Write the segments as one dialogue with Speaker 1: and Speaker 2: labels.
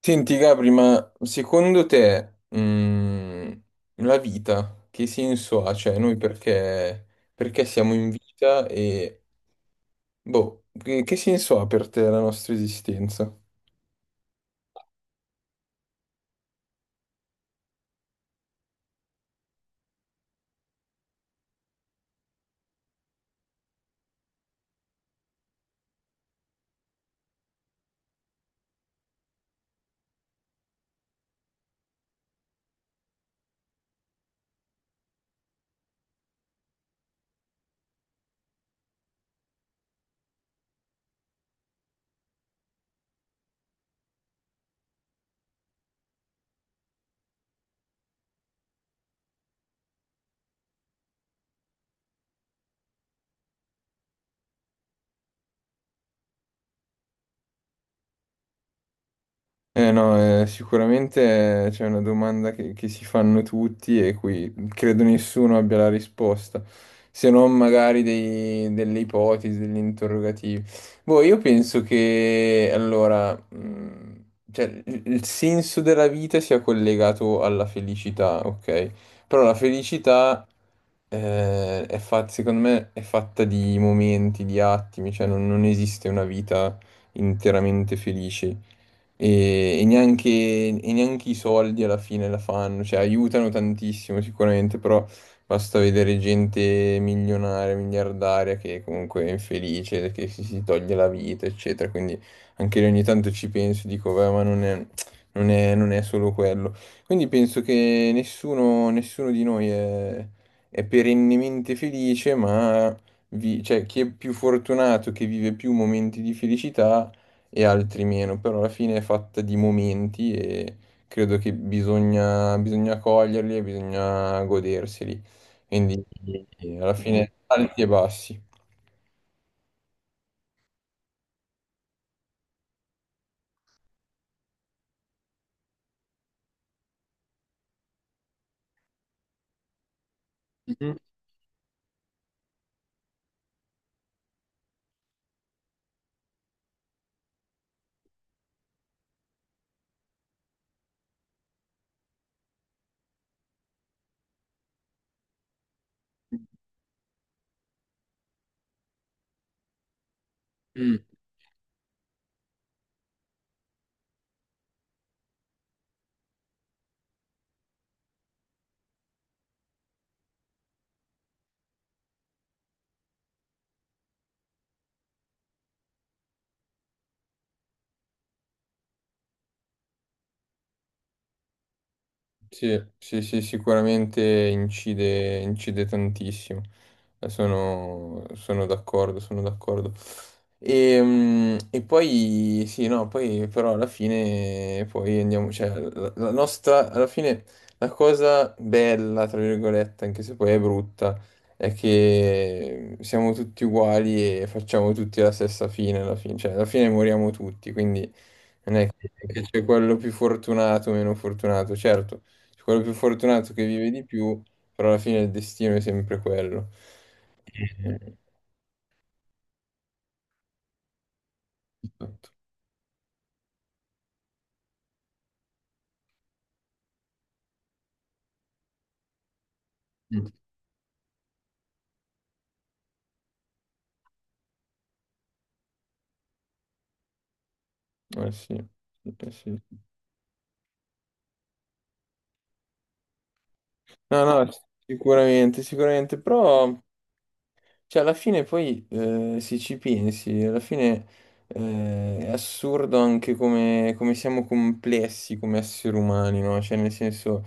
Speaker 1: Senti, Gabri, ma secondo te, la vita che senso ha? Cioè, noi perché siamo in vita e, boh, che senso ha per te la nostra esistenza? Eh no, sicuramente c'è una domanda che si fanno tutti e cui credo nessuno abbia la risposta, se non magari delle ipotesi, degli interrogativi. Boh, io penso che allora, cioè, il senso della vita sia collegato alla felicità, ok? Però la felicità è fatta, secondo me, è fatta di momenti, di attimi, cioè non esiste una vita interamente felice e neanche i soldi alla fine la fanno, cioè aiutano tantissimo sicuramente, però basta vedere gente milionaria, miliardaria che comunque è infelice, che si toglie la vita, eccetera, quindi anche lì ogni tanto ci penso e dico, beh, ma non è, non è solo quello. Quindi penso che nessuno di noi è perennemente felice, ma cioè, chi è più fortunato, che vive più momenti di felicità, e altri meno, però alla fine è fatta di momenti e credo che bisogna coglierli e bisogna goderseli. Quindi alla fine alti e bassi. Sì, sì, sì, sicuramente incide tantissimo. Sono d'accordo, sono d'accordo. E poi, sì, no, poi però alla fine, poi andiamo, cioè, la nostra, alla fine, la cosa bella, tra virgolette, anche se poi è brutta, è che siamo tutti uguali e facciamo tutti la stessa fine alla fine, cioè alla fine moriamo tutti, quindi... Che c'è quello più fortunato, meno fortunato, certo, c'è quello più fortunato che vive di più, però alla fine il destino è sempre quello. Eh, Eh, esatto. Mm. Eh sì, eh sì. No, no, sicuramente, sicuramente, però. Cioè, alla fine poi, se ci pensi, alla fine è assurdo anche come siamo complessi come esseri umani, no? Cioè, nel senso,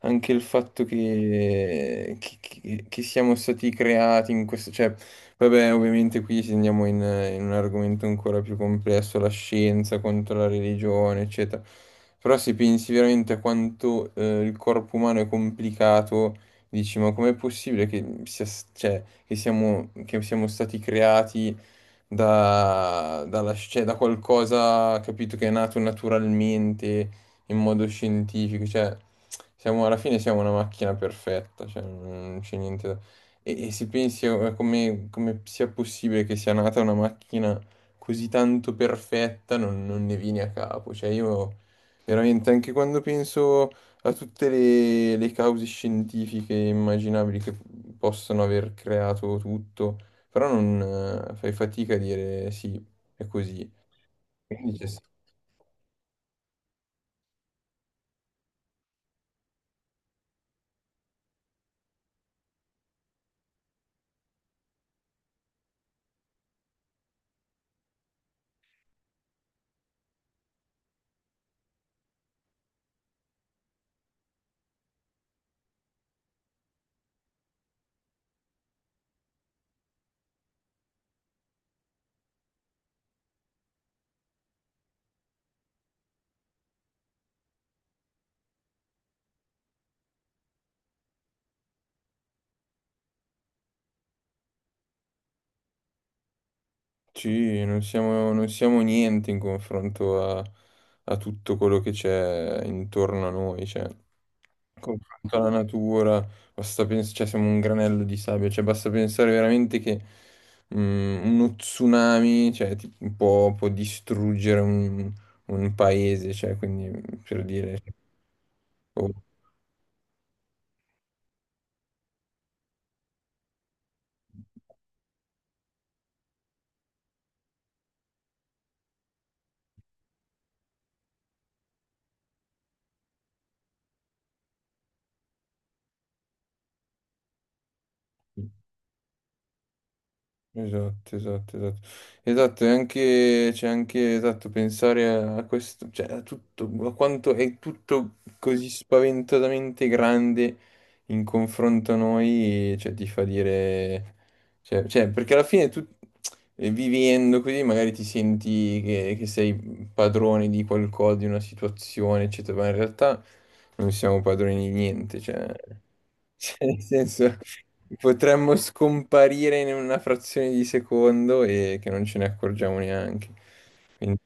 Speaker 1: anche il fatto che siamo stati creati in questo... Cioè, vabbè, ovviamente qui se andiamo in un argomento ancora più complesso, la scienza contro la religione, eccetera. Però se pensi veramente a quanto il corpo umano è complicato. Dici, ma com'è possibile che sia, cioè, che siamo stati creati cioè, da qualcosa, capito, che è nato naturalmente, in modo scientifico? Cioè, siamo, alla fine siamo una macchina perfetta, cioè, non c'è niente da... E se pensi a come sia possibile che sia nata una macchina così tanto perfetta, non ne vieni a capo. Cioè, io veramente anche quando penso a tutte le cause scientifiche immaginabili che possono aver creato tutto, però non fai fatica a dire sì, è così. Quindi c'è- sì, non siamo niente in confronto a, a tutto quello che c'è intorno a noi, cioè. Confronto alla natura, basta cioè siamo un granello di sabbia, cioè basta pensare veramente che uno tsunami, cioè, può distruggere un, paese, cioè, quindi per dire... cioè, boh. Esatto, esatto, esatto. Esatto, e anche, c'è anche, esatto, pensare a questo, cioè a tutto, a quanto è tutto così spaventosamente grande in confronto a noi, cioè ti fa dire, cioè, perché alla fine tu vivendo così magari ti senti che sei padrone di qualcosa, di una situazione, eccetera, ma in realtà non siamo padroni di niente, cioè... Cioè, nel senso, potremmo scomparire in una frazione di secondo e che non ce ne accorgiamo neanche. Quindi.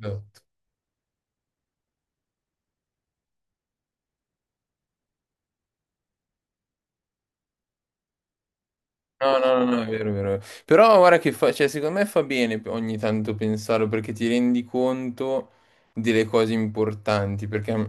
Speaker 1: No. No, no, no, no, è vero, è vero. Però guarda che fa, cioè, secondo me fa bene ogni tanto pensarlo perché ti rendi conto delle cose importanti, perché a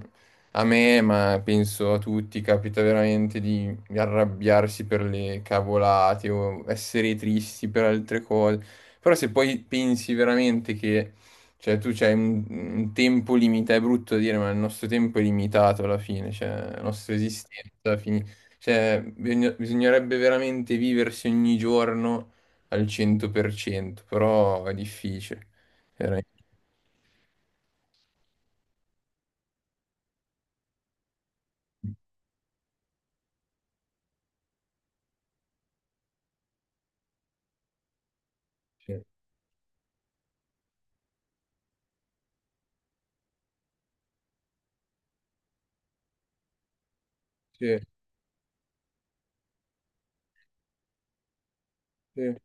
Speaker 1: a me, ma penso a tutti, capita veramente di arrabbiarsi per le cavolate o essere tristi per altre cose. Però se poi pensi veramente che, cioè, tu c'hai un, tempo limitato, è brutto dire, ma il nostro tempo è limitato alla fine, cioè, la nostra esistenza finisce. Cioè, bisognerebbe veramente viversi ogni giorno al 100%, però è difficile. Veramente. Sì, sì, sì,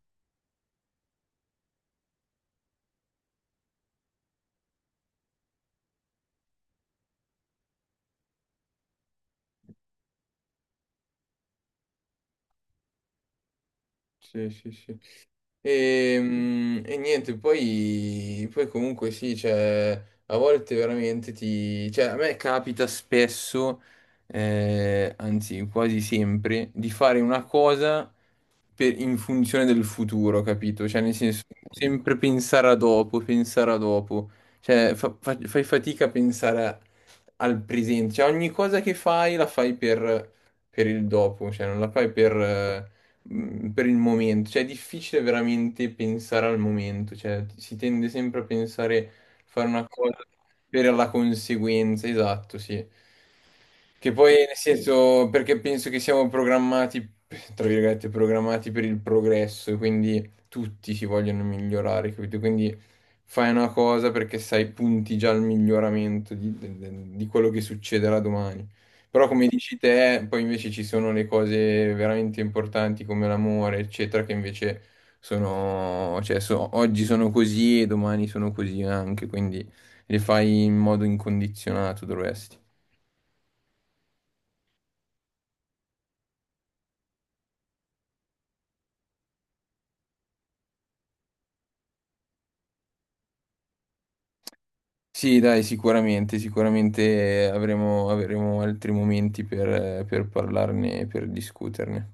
Speaker 1: sì, sì, sì. E niente, poi comunque sì, cioè, a volte veramente ti... Cioè, a me capita spesso, anzi quasi sempre, di fare una cosa in funzione del futuro, capito? Cioè, nel senso, sempre pensare a dopo, pensare a dopo. Cioè, fai fatica a pensare al presente. Cioè, ogni cosa che fai la fai per il dopo, cioè, non la fai per il momento, cioè è difficile veramente pensare al momento, cioè si tende sempre a pensare, fare una cosa per la conseguenza, esatto, sì. Che poi, nel senso, perché penso che siamo programmati, tra virgolette, programmati per il progresso, e quindi tutti si vogliono migliorare, capito? Quindi fai una cosa perché sai, punti già al miglioramento di quello che succederà domani. Però come dici te, poi invece ci sono le cose veramente importanti come l'amore, eccetera, che invece sono, cioè, oggi sono così e domani sono così anche, quindi le fai in modo incondizionato, dovresti. Sì, dai, sicuramente, sicuramente avremo altri momenti per parlarne, per discuterne.